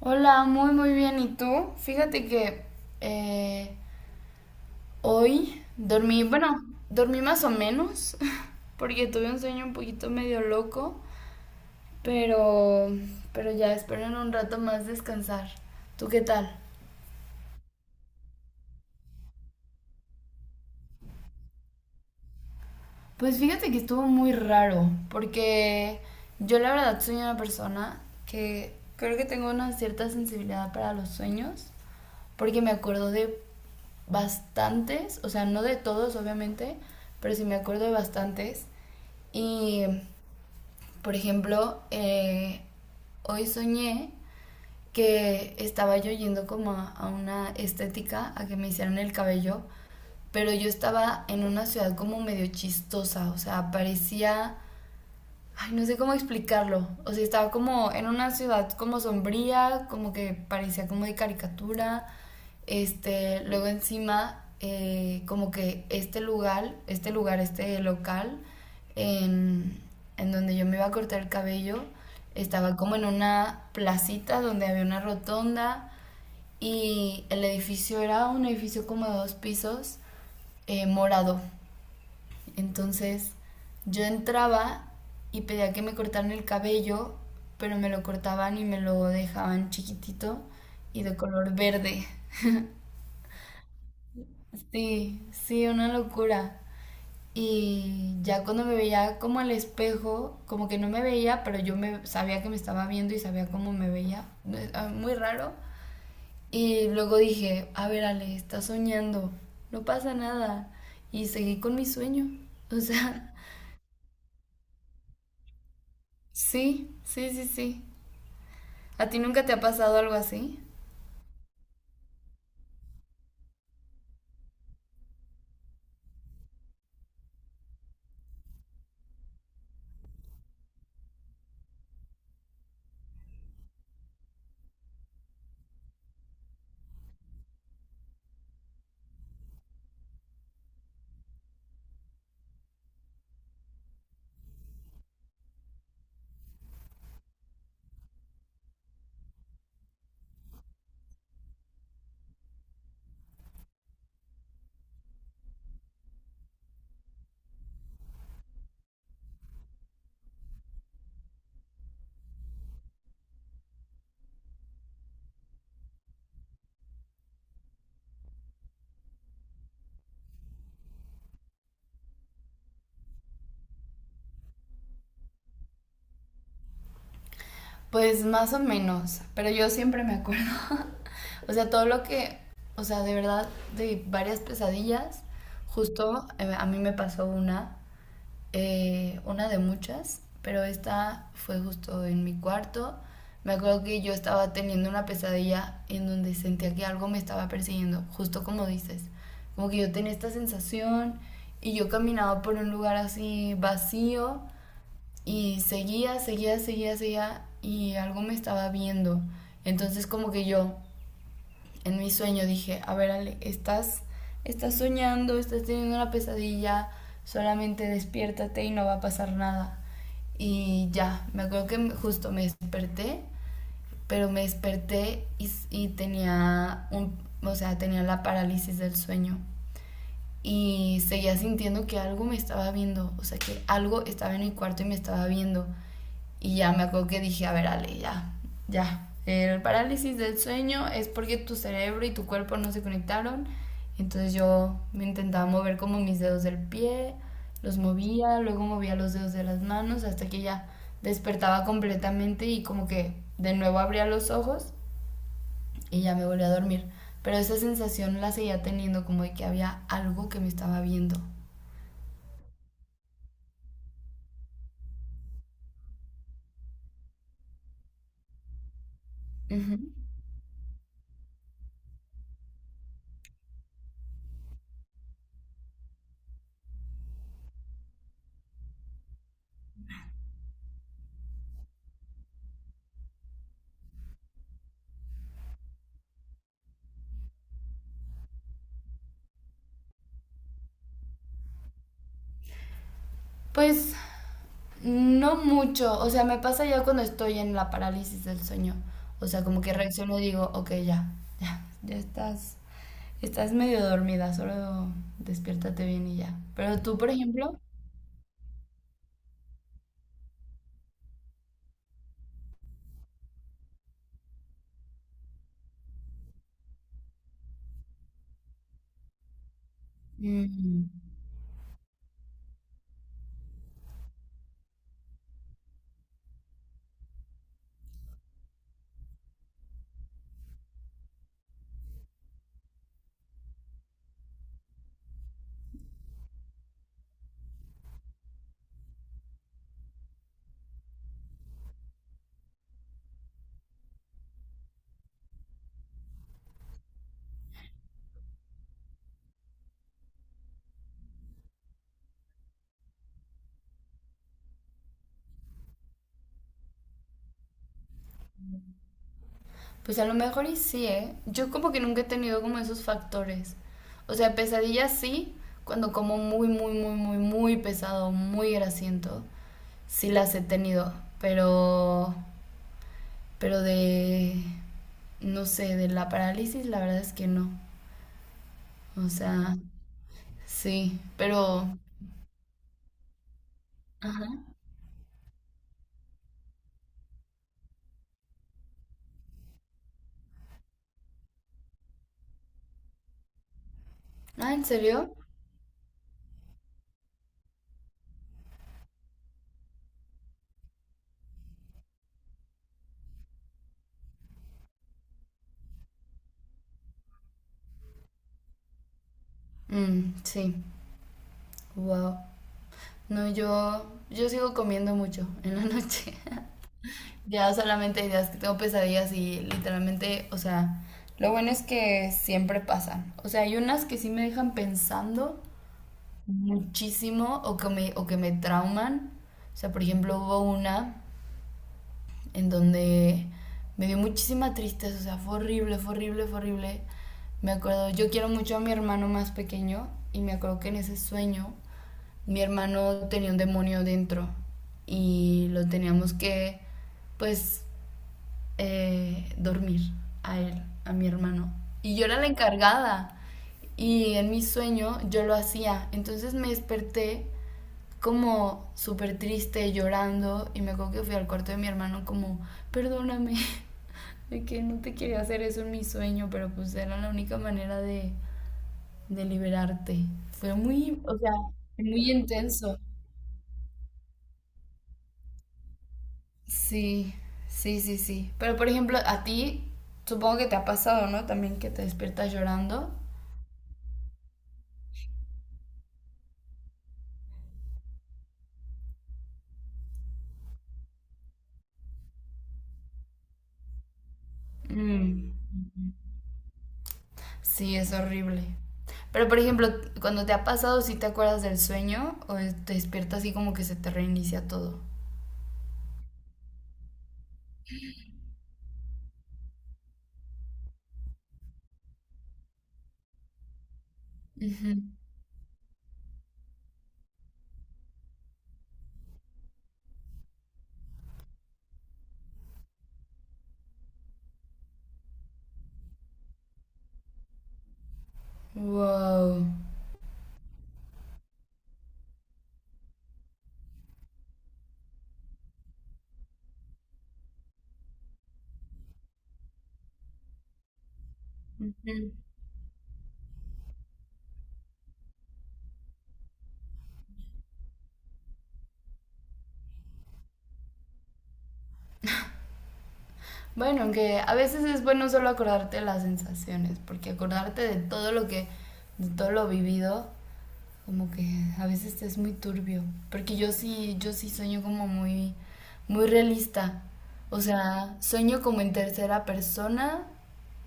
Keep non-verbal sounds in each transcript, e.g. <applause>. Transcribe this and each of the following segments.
Hola, muy muy bien. ¿Y tú? Fíjate que eh, hoy dormí, bueno, dormí más o menos, <laughs> porque tuve un sueño un poquito medio loco, pero, pero ya espero en un rato más descansar. ¿Tú qué tal? Pues fíjate que estuvo muy raro, porque yo la verdad soy una persona que creo que tengo una cierta sensibilidad para los sueños. Porque me acuerdo de bastantes, o sea, no de todos, obviamente, pero sí me acuerdo de bastantes. Y, por ejemplo, hoy soñé que estaba yo yendo como a una estética, a que me hicieran el cabello, pero yo estaba en una ciudad como medio chistosa, o sea, parecía. Ay, no sé cómo explicarlo. O sea, estaba como en una ciudad como sombría, como que parecía como de caricatura. Este, luego encima, como que este lugar, este local, en, en donde yo me iba a cortar el cabello, estaba como en una placita donde había una rotonda y el edificio era un edificio como de dos pisos, morado. Entonces yo entraba y pedía que me cortaran el cabello, pero me lo cortaban y me lo dejaban chiquitito y de color verde. Sí, sí, una locura. Y ya cuando me veía como al espejo, como que no me veía, pero yo me sabía que me estaba viendo y sabía cómo me veía. Muy raro. Y luego dije, a ver, Ale, estás soñando, no pasa nada. Y seguí con mi sueño. O sea, <laughs> sí, sí, sí, sí. ¿A ti nunca te ha pasado algo así? Pues más o menos, pero yo siempre me acuerdo. <laughs> O sea, todo lo que, o sea, de verdad, de varias pesadillas, justo a mí me pasó una de muchas, pero esta fue justo en mi cuarto. Me acuerdo que yo estaba teniendo una pesadilla en donde sentía que algo me estaba persiguiendo, justo como dices. Como que yo tenía esta sensación y yo caminaba por un lugar así vacío y seguía, seguía, seguía, seguía y algo me estaba viendo. Entonces como que yo en mi sueño dije, a ver Ale, estás soñando, estás teniendo una pesadilla, solamente despiértate y no va a pasar nada. Y ya, me acuerdo que justo me desperté, pero me desperté y tenía un, o sea, tenía la parálisis del sueño. Y seguía sintiendo que algo me estaba viendo, o sea, que algo estaba en mi cuarto y me estaba viendo. Y ya me acuerdo que dije, a ver, Ale, ya, ya. El parálisis del sueño es porque tu cerebro y tu cuerpo no se conectaron. Entonces yo me intentaba mover como mis dedos del pie, los movía, luego movía los dedos de las manos hasta que ya despertaba completamente y como que de nuevo abría los ojos y ya me volví a dormir. Pero esa sensación la seguía teniendo como de que había algo que me estaba viendo. Ujú. Pues no mucho, o sea, me pasa ya cuando estoy en la parálisis del sueño. O sea, como que reacciono y digo, ok, ya, ya, ya estás medio dormida, solo despiértate bien y ya. Pero tú, por ejemplo, mm, pues a lo mejor y sí, ¿eh? Yo como que nunca he tenido como esos factores. O sea, pesadillas sí, cuando como muy, muy, muy, muy, muy pesado, muy grasiento, sí las he tenido, pero... Pero de, no sé, de la parálisis, la verdad es que no. O sea, sí, pero... Ajá. Ah, ¿en serio? Mm, sí. Wow. No, yo sigo comiendo mucho <laughs> en la noche. <laughs> Ya solamente hay días que tengo pesadillas y literalmente, o sea, lo bueno es que siempre pasan. O sea, hay unas que sí me dejan pensando muchísimo o que me trauman. O sea, por ejemplo, hubo una en donde me dio muchísima tristeza, o sea, fue horrible, fue horrible, fue horrible. Me acuerdo, yo quiero mucho a mi hermano más pequeño y me acuerdo que en ese sueño mi hermano tenía un demonio dentro y lo teníamos que, pues, dormir a él, a mi hermano. Y yo era la encargada. Y en mi sueño yo lo hacía. Entonces me desperté como súper triste, llorando. Y me acuerdo que fui al cuarto de mi hermano como, perdóname, <laughs> de que no te quería hacer eso en mi sueño, pero pues era la única manera de liberarte. Fue muy, o sea, muy intenso. Sí, sí, sí, sí. Pero por ejemplo, a ti supongo que te ha pasado, ¿no? También que te despiertas llorando. Mm. Sí, es horrible. Pero por ejemplo, cuando te ha pasado, ¿sí te acuerdas del sueño o es- te despiertas así como que se te reinicia todo? Ujú. Wow. Ujú. Bueno, aunque a veces es bueno solo acordarte de las sensaciones, porque acordarte de todo lo que, de todo lo vivido, como que a veces es muy turbio, porque yo sí, yo sí sueño como muy, muy realista. O sea, sueño como en tercera persona,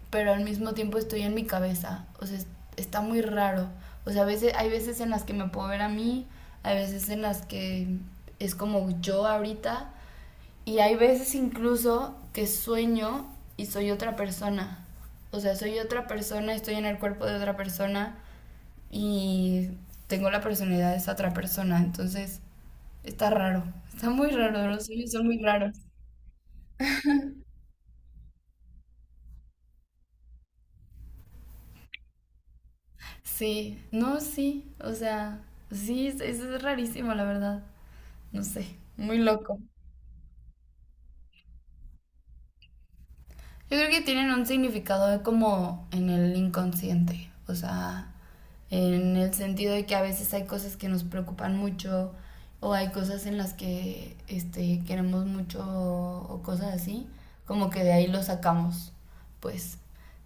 pero al mismo tiempo estoy en mi cabeza. O sea, es- está muy raro. O sea, a veces, hay veces en las que me puedo ver a mí, hay veces en las que es como yo ahorita, y hay veces incluso que sueño y soy otra persona. O sea, soy otra persona, estoy en el cuerpo de otra persona y tengo la personalidad de esa otra persona, entonces está raro, está muy raro, los sueños son muy raros. Sí, no, sí, o sea, sí, es rarísimo, la verdad, no sé, muy loco. Yo creo que tienen un significado como en el inconsciente, o sea, en el sentido de que a veces hay cosas que nos preocupan mucho o hay cosas en las que este, queremos mucho o cosas así, como que de ahí lo sacamos, pues.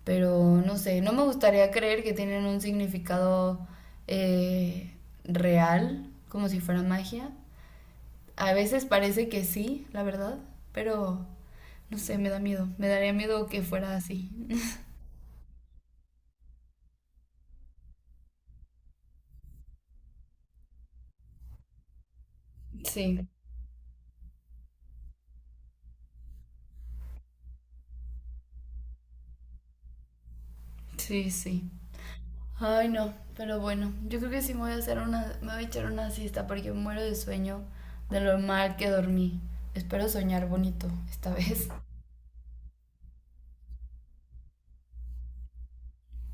Pero no sé, no me gustaría creer que tienen un significado eh, real, como si fuera magia, a veces parece que sí, la verdad, pero no sé, me da miedo. Me daría miedo que fuera así. <laughs> Sí, sí, sí. Ay, no, pero bueno, yo creo que sí me voy a hacer una, me voy a echar una siesta porque muero de sueño de lo mal que dormí. Espero soñar bonito esta <laughs> vez.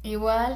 Igual,